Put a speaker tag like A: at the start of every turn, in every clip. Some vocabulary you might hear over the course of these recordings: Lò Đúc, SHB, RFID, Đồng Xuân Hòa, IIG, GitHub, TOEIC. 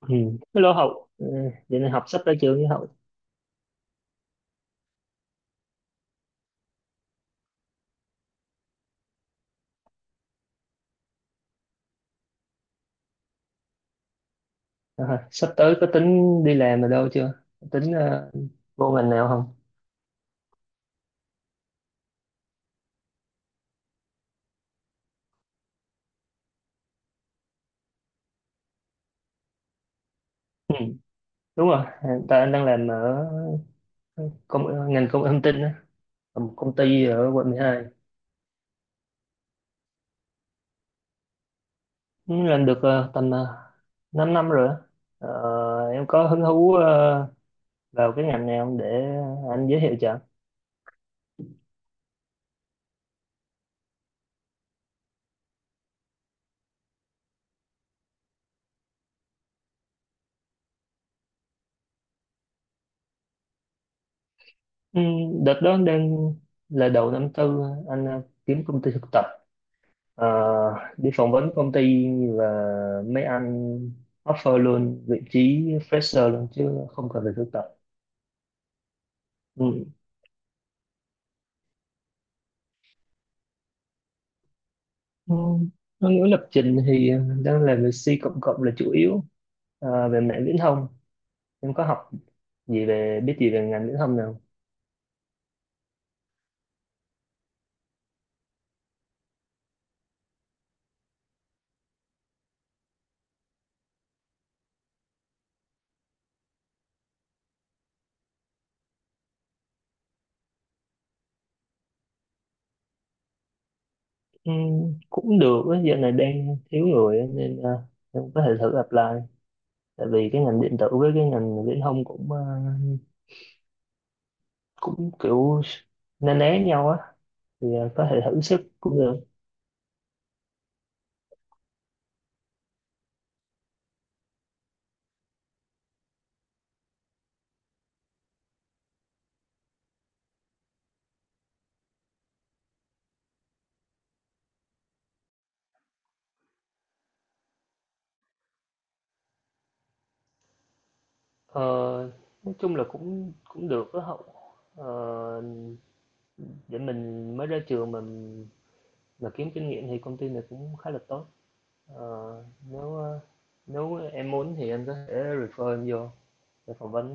A: Ừ. Hello Hậu, ừ. vậy này học sắp tới trường với Hậu. À, sắp tới có tính đi làm ở đâu chưa? Tính vô ngành nào không? Ừ. Đúng rồi, à, tại anh đang làm ở công, ngành công nghệ thông tin á, ở một công ty ở quận 12. Ừ, làm được tầm 5 năm rồi á. Ờ, em có hứng thú vào cái ngành này không để anh giới thiệu cho. Ừ, đợt đó đang là đầu năm tư anh kiếm công ty thực tập. Ờ, Đi phỏng vấn công ty và mấy anh offer luôn vị trí fresher luôn chứ không cần phải thực tập. Ừ. Ừ, có nghĩa lập trình thì đang làm về C cộng cộng là chủ yếu. Về mạng viễn thông em có học gì về biết gì về ngành viễn thông nào. Ừ, cũng được á, giờ này đang thiếu người á, nên em có thể thử apply, tại vì cái ngành điện tử với cái ngành viễn thông cũng ờ, cũng kiểu na ná nhau á, thì có thể thử sức cũng được. Ờ, nói chung là cũng cũng được đó Hậu, ờ, để mình mới ra trường mình mà kiếm kinh nghiệm thì công ty này cũng khá là tốt. ờ, nếu ờ, Nếu em muốn thì em có thể refer em vô để phỏng vấn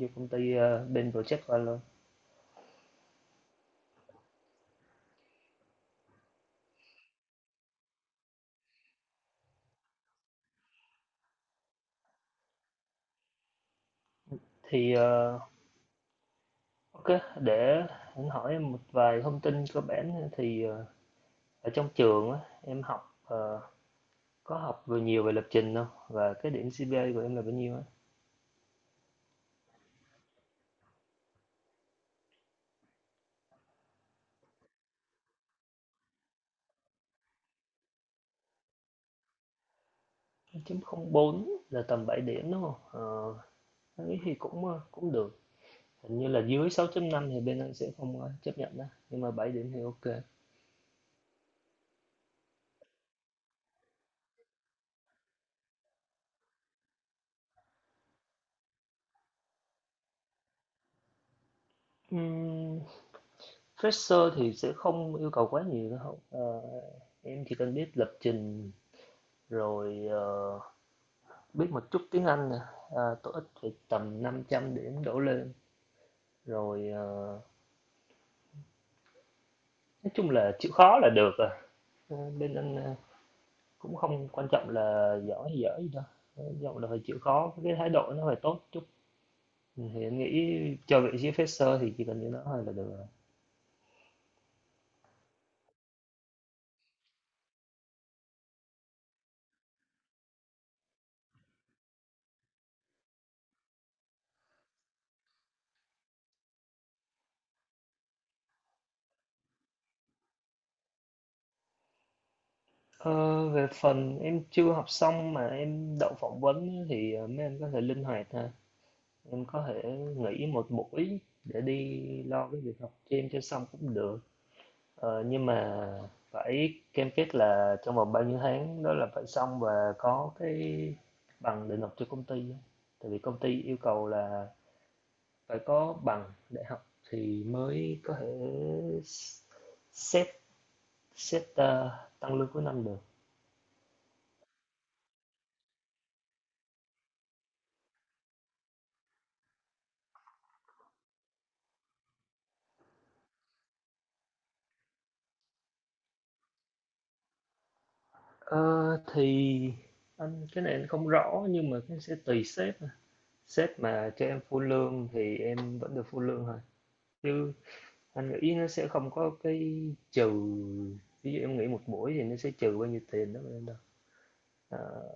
A: vô công ty, bên project của anh luôn. Thì ok, để anh hỏi em một vài thông tin cơ bản. Thì ở trong trường á, em học, có học vừa nhiều về lập trình không, và cái điểm CPA của em là bao nhiêu á? 904 là tầm 7 điểm đúng không? Ờ, thấy thì cũng ờ, cũng được. Hình như là dưới 6.5 thì bên anh sẽ không chấp nhận đó, nhưng mà 7 điểm thì ok. Ừm, fresher thì sẽ không yêu cầu quá nhiều đâu. Ờ, em chỉ cần biết lập trình rồi biết một chút tiếng Anh nè, à, TOEIC phải tầm 500 điểm đổ lên, rồi nói chung là chịu khó là được à. Ờ, bên anh ờ, Cũng không quan trọng là giỏi hay dở gì đâu, quan trọng là phải chịu khó, cái thái độ nó phải tốt chút. Thì em nghĩ chờ vị trí fresher thì chỉ cần như đó thôi là được rồi. Ờ, về phần em chưa học xong mà em đậu phỏng vấn á, thì mấy anh có thể linh hoạt ha. Em có thể nghỉ một buổi để đi lo cái việc học cho em cho xong cũng được. Ờ, nhưng mà phải cam kết là trong vòng bao nhiêu tháng đó là phải xong và có cái bằng để nộp cho công ty á. Tại vì công ty yêu cầu là phải có bằng đại học thì mới có thể xét xét tăng lương cuối năm được. Ờ, thì anh cái này anh không rõ, nhưng mà cái sẽ tùy sếp à. Sếp mà cho em full lương thì em vẫn được full lương thôi, chứ anh nghĩ nó sẽ không có cái trừ ví dụ em nghỉ một buổi thì nó sẽ trừ bao nhiêu tiền đó mà đâu. Ờ,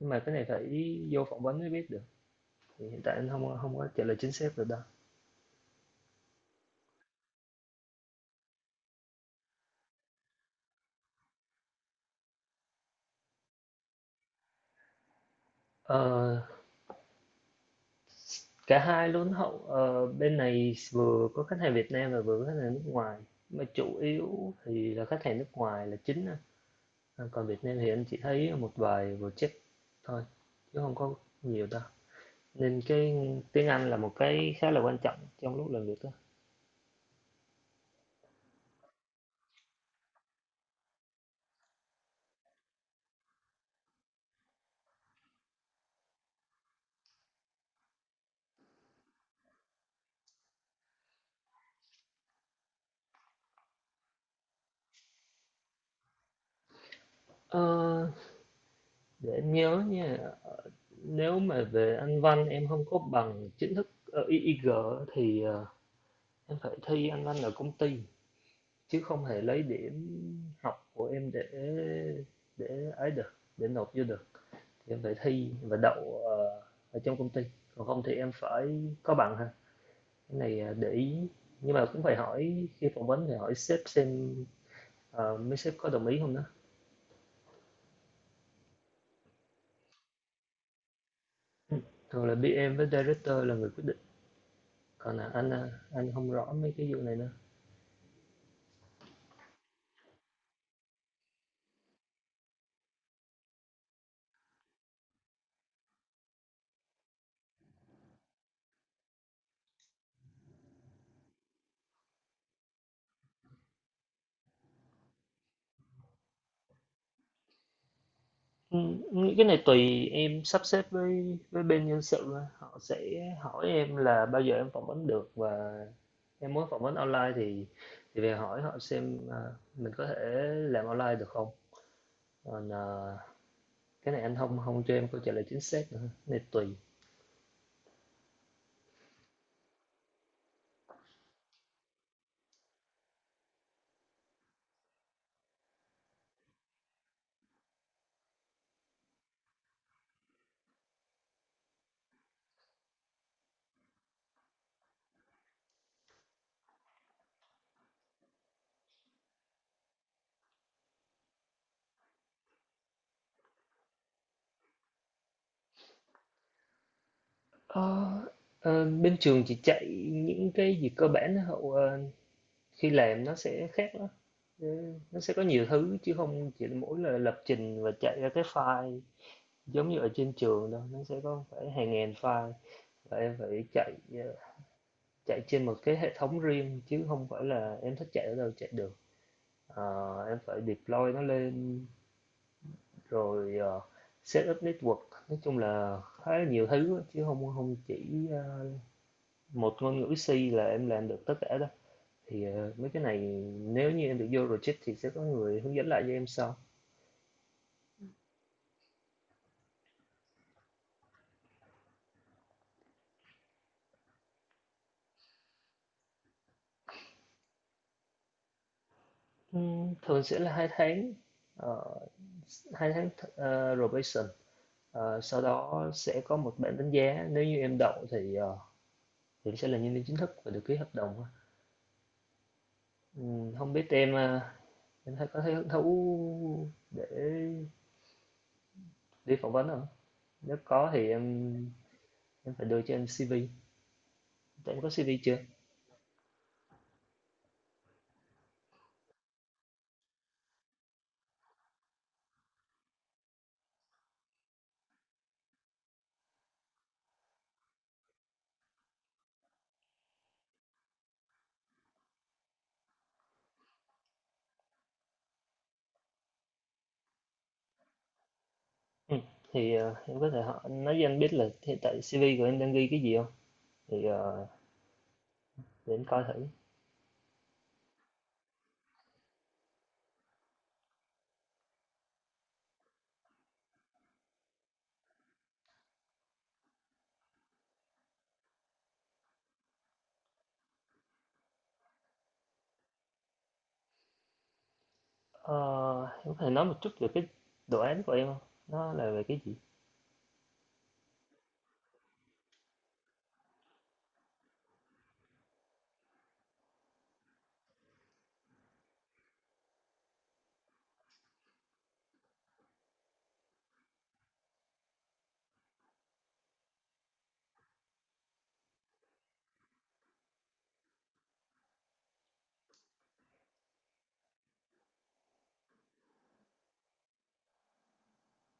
A: nhưng mà cái này phải vô phỏng vấn mới biết được, thì hiện tại anh không không có trả lời chính xác được đâu. Ờ, cả hai luôn Hậu, ờ, bên này vừa có khách hàng Việt Nam và vừa có khách hàng nước ngoài, mà chủ yếu thì là khách hàng nước ngoài là chính á. À, còn Việt Nam thì anh chỉ thấy một vài project thôi chứ không có nhiều đâu, nên cái tiếng Anh là một cái khá là quan trọng trong lúc làm việc đó. Ờ, để em nhớ nha, nếu mà về Anh văn em không có bằng chính thức IIG thì em phải thi Anh văn ở công ty chứ không thể lấy điểm học của em để ấy được, để nộp vô được. Thì em phải thi và đậu ở trong công ty, còn không thì em phải có bằng ha. Cái này à, để ý, nhưng mà cũng phải hỏi khi phỏng vấn, thì hỏi sếp xem mấy sếp có đồng ý không đó. Thường là BM với director là người quyết định, còn là anh à, anh không rõ mấy cái vụ này nữa. Ừ, nghĩ cái này tùy em sắp xếp với bên nhân sự thôi. Họ sẽ hỏi em là bao giờ em phỏng vấn được, và em muốn phỏng vấn online thì về hỏi họ xem à, mình có thể làm online được không. Còn à, cái này anh không không cho em câu trả lời chính xác nữa. Cái này tùy. Ờ, Bên trường chỉ chạy những cái gì cơ bản đó Hậu, khi làm nó sẽ khác đó. Ừ, nó sẽ có nhiều thứ chứ không chỉ mỗi là lập trình và chạy ra cái file giống như ở trên trường đâu. Nó sẽ có phải hàng ngàn file, và em phải chạy chạy trên một cái hệ thống riêng chứ không phải là em thích chạy ở đâu chạy được. Ờ, em phải deploy nó lên rồi set up network, nói chung là khá là nhiều thứ chứ không không chỉ một ngôn ngữ C là em làm được tất cả đâu. Thì mấy cái này nếu như em được vô project thì sẽ có người hướng dẫn lại cho em sau. Thường sẽ là 2 tháng. Ờ, hai tháng probation. Ờ, sau đó sẽ có một bản đánh giá, nếu như em đậu thì ờ, thì sẽ là nhân viên chính thức và được ký hợp đồng. Không biết em ờ, em thấy có thấy hứng thú để đi phỏng vấn không? Nếu có thì em phải đưa cho em CV. Tại em có CV chưa? Ừ. Thì em có thể nói cho anh biết là hiện tại CV của em đang ghi cái gì không? Thì để anh coi thử. Ờ, em có thể nói một chút về cái đồ án của em không, nó là về cái gì?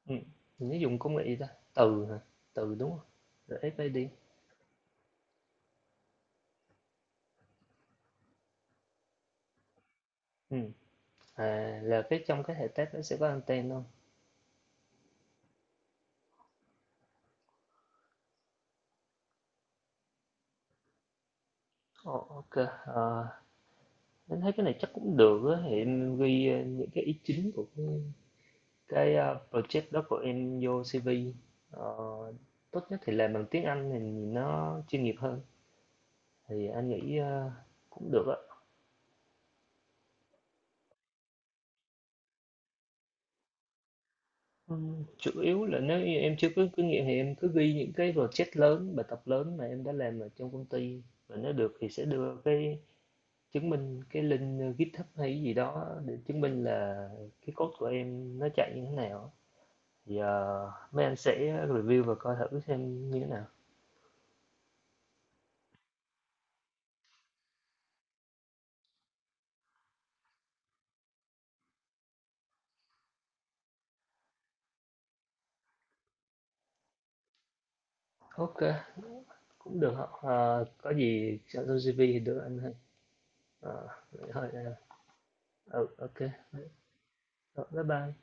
A: Ừm, mình dùng công nghệ gì ta? Từ hả? Từ, đúng hông? RFID. Ừm, à, là cái trong cái hệ test nó sẽ có anten luôn. Ồ, ok. ờ, mình thấy cái này chắc cũng được á, thì em ghi, những cái ý chính của cái project đó của em vô CV. Ờ, tốt nhất thì làm bằng tiếng Anh thì nhìn nó chuyên nghiệp hơn, thì anh nghĩ, cũng được á. Ừ, chủ yếu là nếu như em chưa có kinh nghiệm thì em cứ ghi những cái project lớn, bài tập lớn mà em đã làm ở trong công ty. Và nếu được thì sẽ đưa cái chứng minh cái link GitHub hay cái gì đó để chứng minh là cái code của em nó chạy như thế nào. Thì mấy anh sẽ review và coi thử xem như thế nào. Ok, cũng được. Ờ, có gì soạn trong CV thì đưa anh thôi. Ờ, thôi, ờ, ừ, ok. Rồi, bye bye.